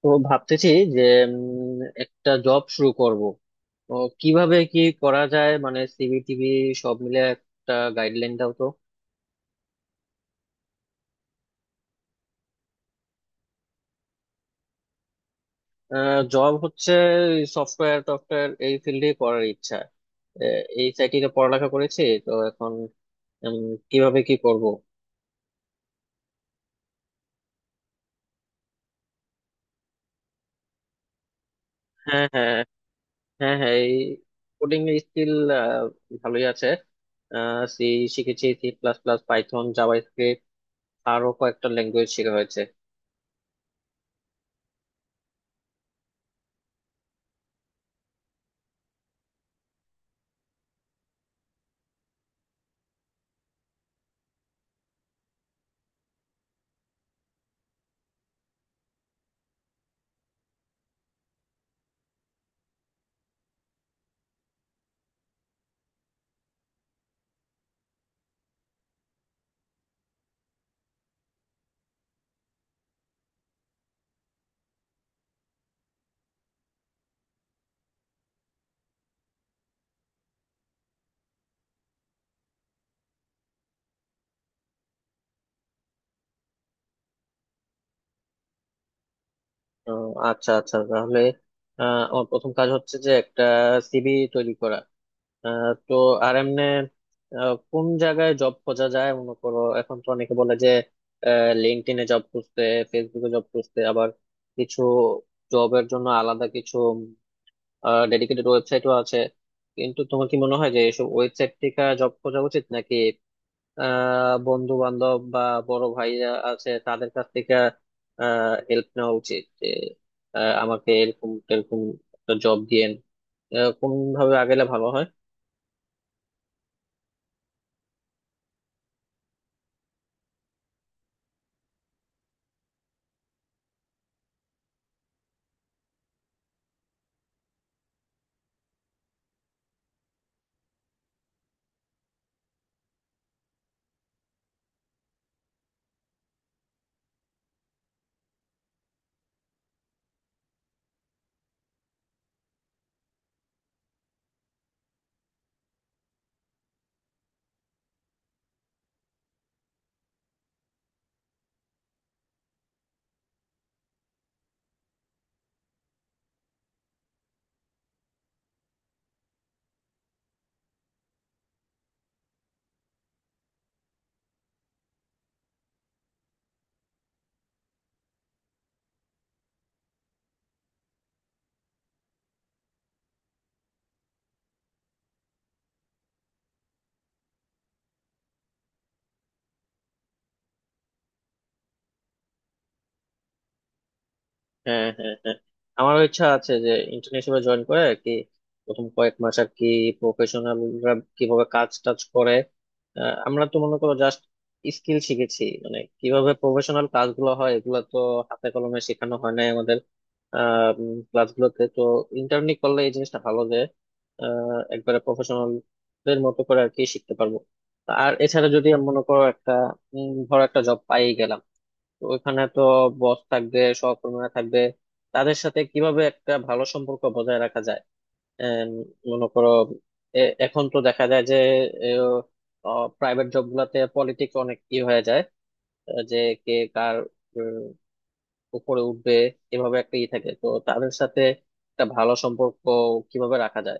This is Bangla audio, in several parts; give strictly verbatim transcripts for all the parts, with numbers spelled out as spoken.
তো ভাবতেছি যে উম, একটা জব শুরু করব। তো কিভাবে কি করা যায়, মানে সিভি টিভি সব মিলে একটা গাইডলাইন দাও তো। জব হচ্ছে সফটওয়্যার টফটওয়্যার এই ফিল্ডে করার ইচ্ছা। আহ, এই সাইটে পড়ালেখা করেছি তো এখন উম, কিভাবে কি করব। হ্যাঁ হ্যাঁ, হ্যাঁ হ্যাঁ এই কোডিং এর স্কিল ভালোই আছে। সি শিখেছি, C plus plus, Python, JavaScript, আরো কয়েকটা ল্যাঙ্গুয়েজ শেখা হয়েছে। ও, আচ্ছা আচ্ছা। তাহলে আহ, আমার প্রথম কাজ হচ্ছে যে একটা সিভি তৈরি করা। আহ, তো আর এমনি কোন জায়গায় জব খোঁজা যায় মনে করো? এখন তো অনেকে বলে যে লিঙ্কডইনে জব খুঁজতে, ফেসবুকে জব খুঁজতে, আবার কিছু জবের জন্য আলাদা কিছু ডেডিকেটেড ওয়েবসাইটও আছে। কিন্তু তোমার কি মনে হয় যে এসব ওয়েবসাইট থেকে জব খোঁজা উচিত, নাকি আহ বন্ধু বান্ধব বা বড় ভাইরা আছে তাদের কাছ থেকে হেল্প নেওয়া উচিত যে আহ, আমাকে এরকম এরকম একটা জব দিয়েন, কোন ভাবে আগেলে ভালো হয়? হ্যাঁ হ্যাঁ হ্যাঁ, আমারও ইচ্ছা আছে যে ইন্টার্নশিপে জয়েন করে আর কি প্রথম কয়েক মাস আর কি প্রফেশনালরা কিভাবে কাজ টাজ করে। আহ, আমরা তো মনে করো জাস্ট স্কিল শিখেছি, মানে কিভাবে প্রফেশনাল কাজগুলো হয় এগুলো তো হাতে কলমে শেখানো হয় নাই আমাদের আহ ক্লাসগুলোতে তো। ইন্টার্নি করলে এই জিনিসটা ভালো যে আহ একবারে প্রফেশনালদের মতো করে আর কি শিখতে পারবো। আর এছাড়া যদি আমি মনে করো একটা উম, ধরো একটা জব পাই গেলাম, তো ওইখানে তো বস থাকবে, সহকর্মীরা থাকবে, তাদের সাথে কিভাবে একটা ভালো সম্পর্ক বজায় রাখা যায়? এম, মনে করো এ- এখন তো দেখা যায় যে প্রাইভেট জব গুলাতে পলিটিক্স অনেক ই হয়ে যায়, আহ, যে কে কার উম, উপরে উঠবে, এভাবে একটা ই থাকে। তো তাদের সাথে একটা ভালো সম্পর্ক কিভাবে রাখা যায়?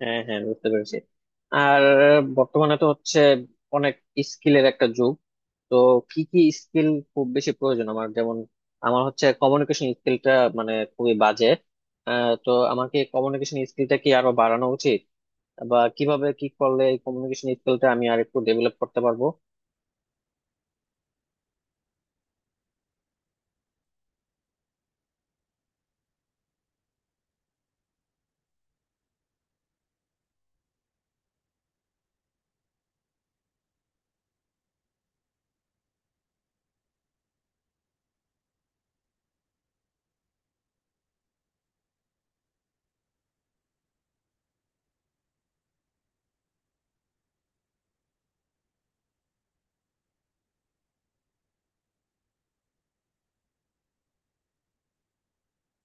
হ্যাঁ হ্যাঁ, বুঝতে পেরেছি। আর বর্তমানে তো হচ্ছে অনেক স্কিলের একটা যুগ, তো কি কি স্কিল খুব বেশি প্রয়োজন আমার? যেমন আমার হচ্ছে কমিউনিকেশন স্কিলটা মানে খুবই বাজে। আহ, তো আমার কি কমিউনিকেশন স্কিলটা কি আরো বাড়ানো উচিত? বা কিভাবে কি করলে এই কমিউনিকেশন স্কিলটা আমি আর একটু ডেভেলপ করতে পারবো?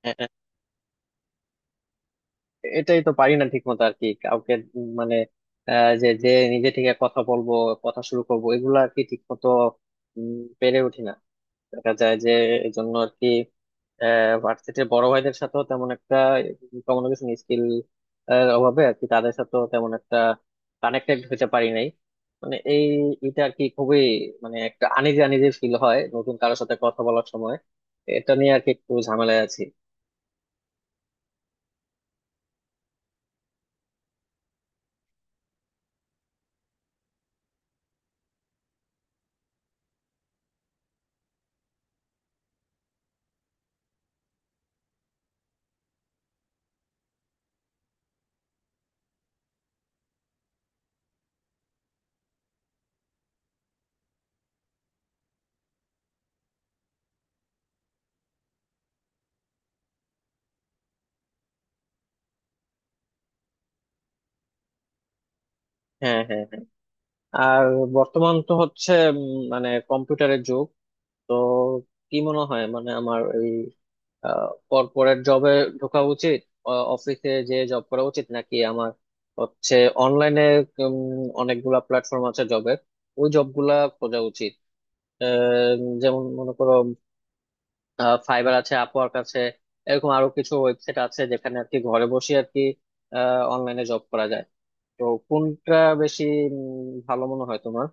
এ- এ- এটাই তো পারি না ঠিক মতো আর কি কাউকে। উম মানে আহ, যে যে নিজে থেকে কথা বলবো, কথা শুরু করবো, এগুলা আর কি ঠিক মতো উম, পেরে উঠি না। দেখা যায় যে এই জন্য আর কি ভার্সিটির বড় ভাইদের সাথেও তেমন একটা কমিউনিকেশন স্কিল অভাবে আর কি তাদের সাথেও তেমন একটা কানেক্টেড হতে পারি নাই। মানে এই এটা আর কি খুবই মানে একটা আনিজি আনিজি ফিল হয় নতুন কারোর সাথে কথা বলার সময়। এটা নিয়ে আর কি একটু ঝামেলায় আছি। হ্যাঁ হ্যাঁ হ্যাঁ। আর বর্তমান তো হচ্ছে উম, মানে কম্পিউটারের যুগ। তো কি মনে হয়, মানে আমার এই কর্পোরেট জবে ঢোকা উচিত, অফিসে যে জব করা উচিত, নাকি আমার হচ্ছে অনলাইনে অনেকগুলা প্ল্যাটফর্ম আছে জবের, ওই জবগুলা খোঁজা উচিত? আহ, যেমন মনে করো ফাইবার আছে, আপওয়ার্ক আছে, এরকম আরো কিছু ওয়েবসাইট আছে যেখানে আর কি ঘরে বসে আর কি অনলাইনে জব করা যায়। তো কোনটা বেশি উম, ভালো মনে হয় তোমার?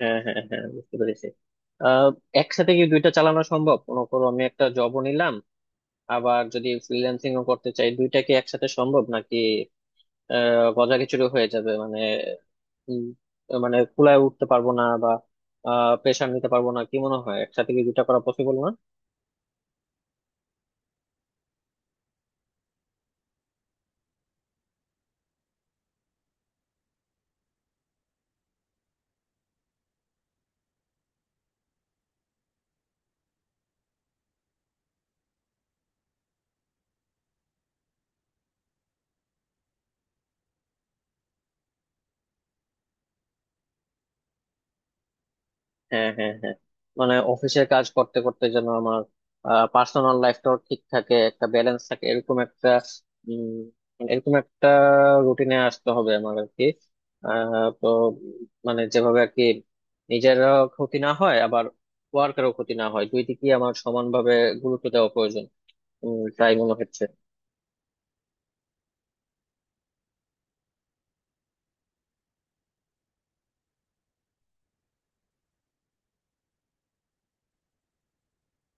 হ্যাঁ হ্যাঁ হ্যাঁ, বুঝতে পেরেছি। আহ, একসাথে কি দুইটা চালানো সম্ভব? মনে করো আমি একটা জবও নিলাম, আবার যদি ফ্রিল্যান্সিং ও করতে চাই, দুইটা কি একসাথে সম্ভব? নাকি আহ গজাখিচুড়ি হয়ে যাবে, মানে উম, মানে কুলায় উঠতে পারবো না, বা আহ প্রেশার নিতে পারবো না? কি মনে হয়, একসাথে কি দুইটা করা পসিবল না? হ্যাঁ হ্যাঁ হ্যাঁ, মানে অফিসের কাজ করতে করতে যেন আমার পার্সোনাল লাইফটাও ঠিক থাকে, একটা ব্যালেন্স থাকে, এরকম একটা উম, এরকম একটা রুটিনে আসতে হবে আমার আর কি। আহ, তো মানে যেভাবে আর কি নিজেরও ক্ষতি না হয়, আবার ওয়ার্কেরও ক্ষতি না হয়, দুই দিকেই আমার সমানভাবে গুরুত্ব দেওয়া প্রয়োজন উম, তাই মনে হচ্ছে।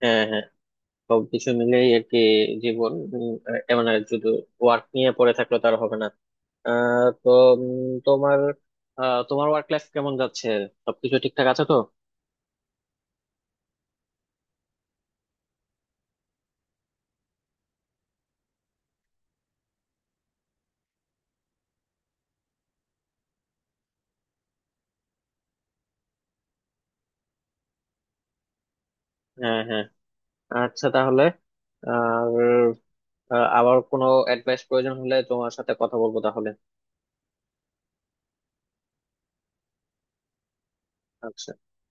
হ্যাঁ হ্যাঁ, সবকিছু মিলেই আর কি জীবন। উম, এ- মানে শুধু ওয়ার্ক নিয়ে পড়ে থাকলে তার হবে না। আহ তো উম, তোমার আহ, তোমার ওয়ার্ক লাইফ কেমন যাচ্ছে? সবকিছু ঠিকঠাক আছে তো? হ্যাঁ হ্যাঁ, আচ্ছা। তাহলে আর আহ, আবার কোনো অ্যাডভাইস প্রয়োজন হলে তোমার সাথে কথা বলবো তাহলে। আচ্ছা।